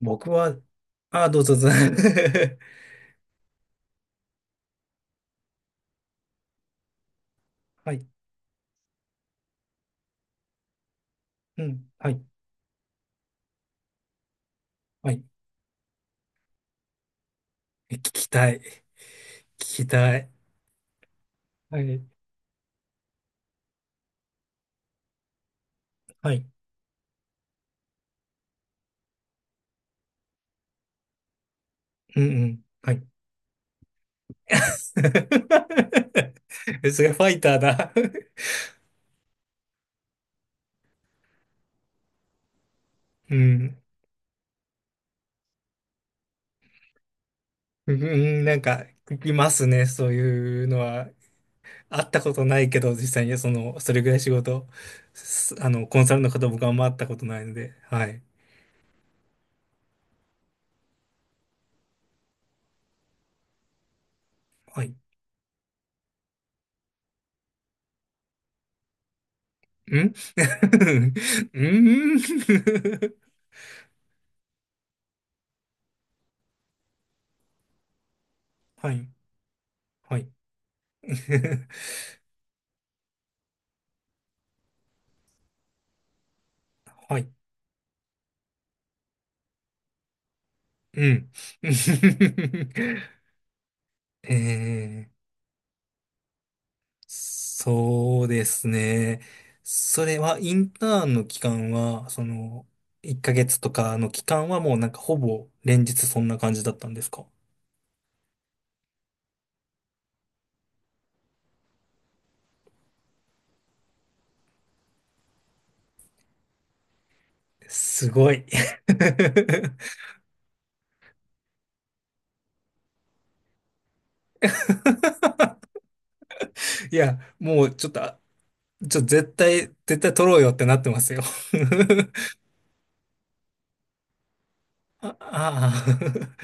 僕は、あ、どうぞ、どうぞ。 はい、うん、はい、はい。聞きたい。聞きたい。はい、はい、うん、うん、はい。それファイターだ。 うん、うん、なんか、聞きますね。そういうのは、会ったことないけど、実際に、その、それぐらい仕事、すあの、コンサルの方、僕はあんま会ったことないので、はい、はい。ん。 うん。 はい、はい。はい。うん。えー、そうですね。それは、インターンの期間は、その、1ヶ月とかの期間はもうなんかほぼ連日そんな感じだったんですか？すごい。いや、もうちょっと、あちょ、絶対、絶対取ろうよってなってますよ。あ、あ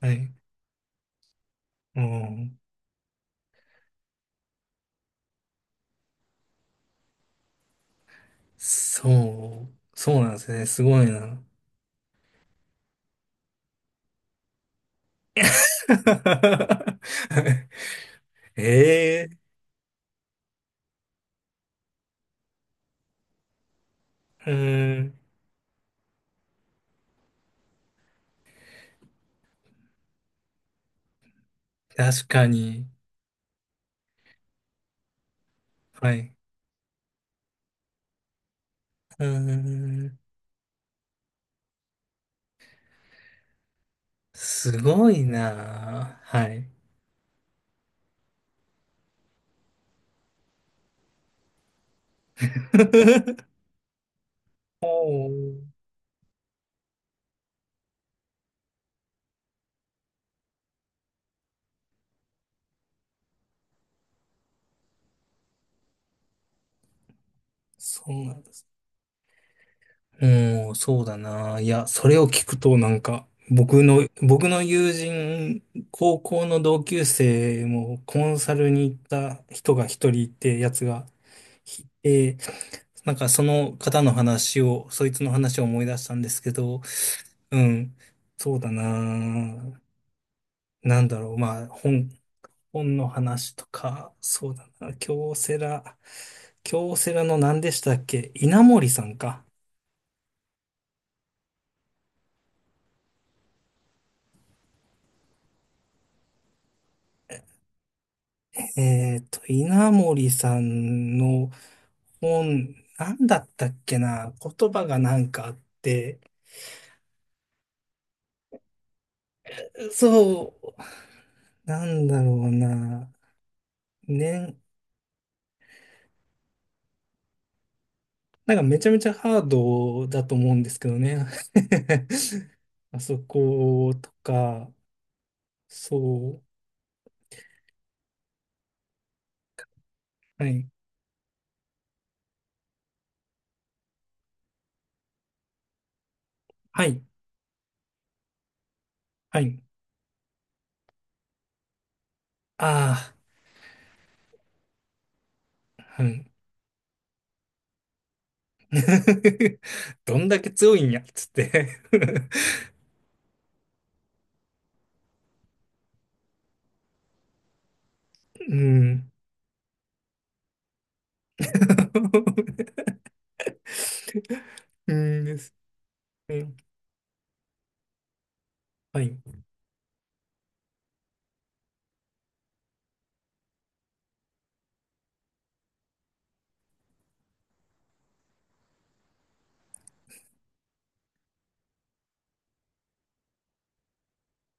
あ。 はい。うん。そうなんですね。すごいな。ええ、うん。確かに。はい。うん。すごいなあ。はい。おー、そうなんです。うん、そうだな。いや、それを聞くとなんか、僕の友人、高校の同級生もコンサルに行った人が一人いて、やつがいて、なんかその方の話を、そいつの話を思い出したんですけど、うん。そうだな。なんだろう。まあ、本の話とか、そうだな。京セラの何でしたっけ稲森さんか。稲森さんの本、なんだったっけな。言葉がなんかあって、そう、なんだろうな。ね、なんかめちゃめちゃハードだと思うんですけどね。あそことか、そう。はい。はい。はい。ああ、うん。どんだけ強いんや、つって。うん。うん、です。うん。はい。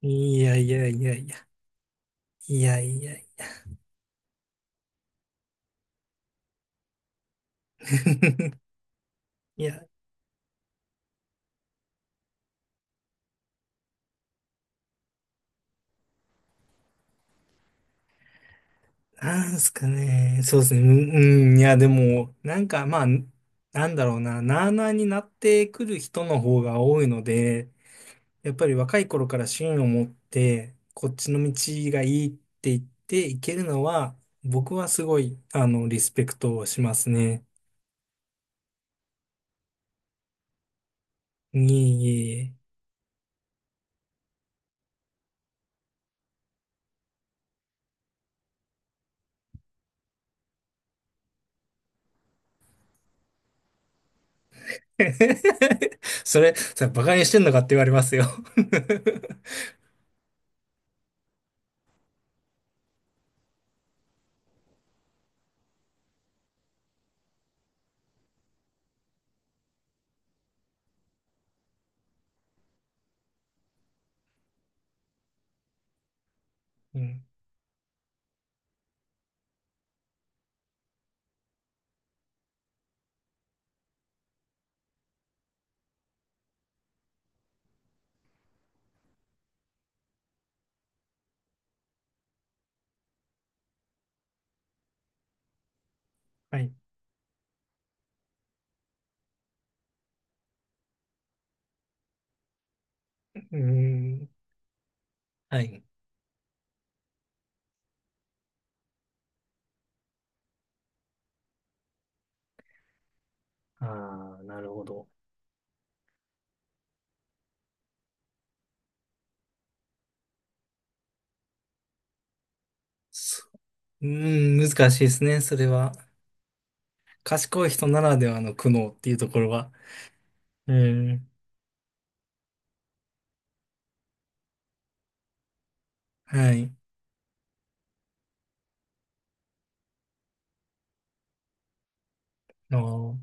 いやいやいやいや。いやいやいや。いや、なんすかね。そうですね。うん、いや、でも、なんか、まあ、なんだろうな。なあなあになってくる人の方が多いので、やっぱり若い頃から芯を持って、こっちの道がいいって言っていけるのは、僕はすごい、リスペクトをしますね。いえいえ。それバカにしてんのかって言われますよ。 うん。はい。うーん。はい。ああ、なるほど。そう。難しいですね、それは。賢い人ならではの苦悩っていうところは。うん。はい。おー、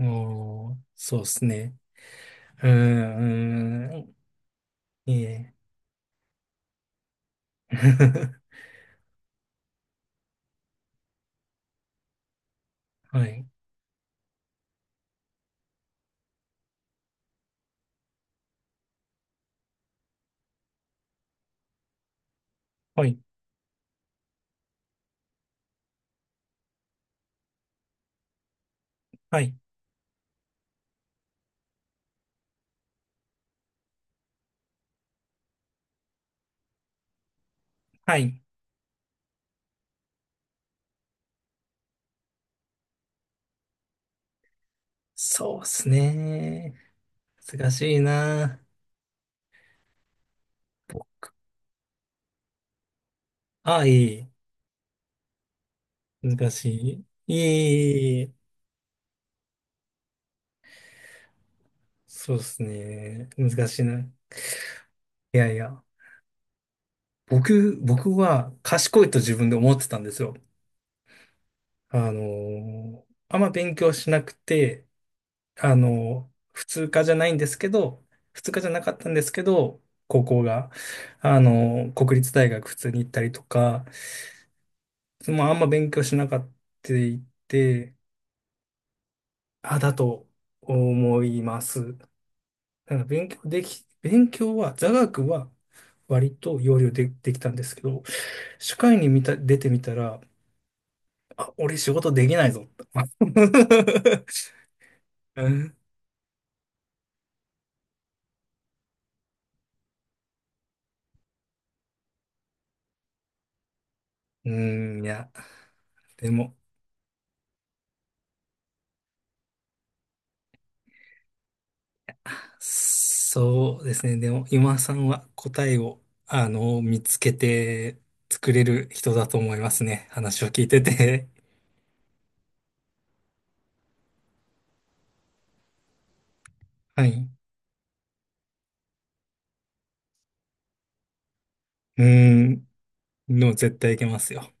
おー、そうですね。うーん、いいね。はい、はい、はい、はい。そうですね。難しいな。あ、いい。難しい。いい。そうですね。難しいな。いやいや。僕は賢いと自分で思ってたんですよ。あんま勉強しなくて、普通科じゃないんですけど、普通科じゃなかったんですけど、高校が、国立大学普通に行ったりとか、まあ、あんま勉強しなかったいて、あ、だと思います。なんか勉強は、座学は割と要領で、できたんですけど、社会に見た、出てみたら、あ、俺仕事できないぞって。うん、うん、いや、でも、そうですね。でも、今さんは答えを、見つけて作れる人だと思いますね。話を聞いてて。はい。うーん。でも絶対いけますよ。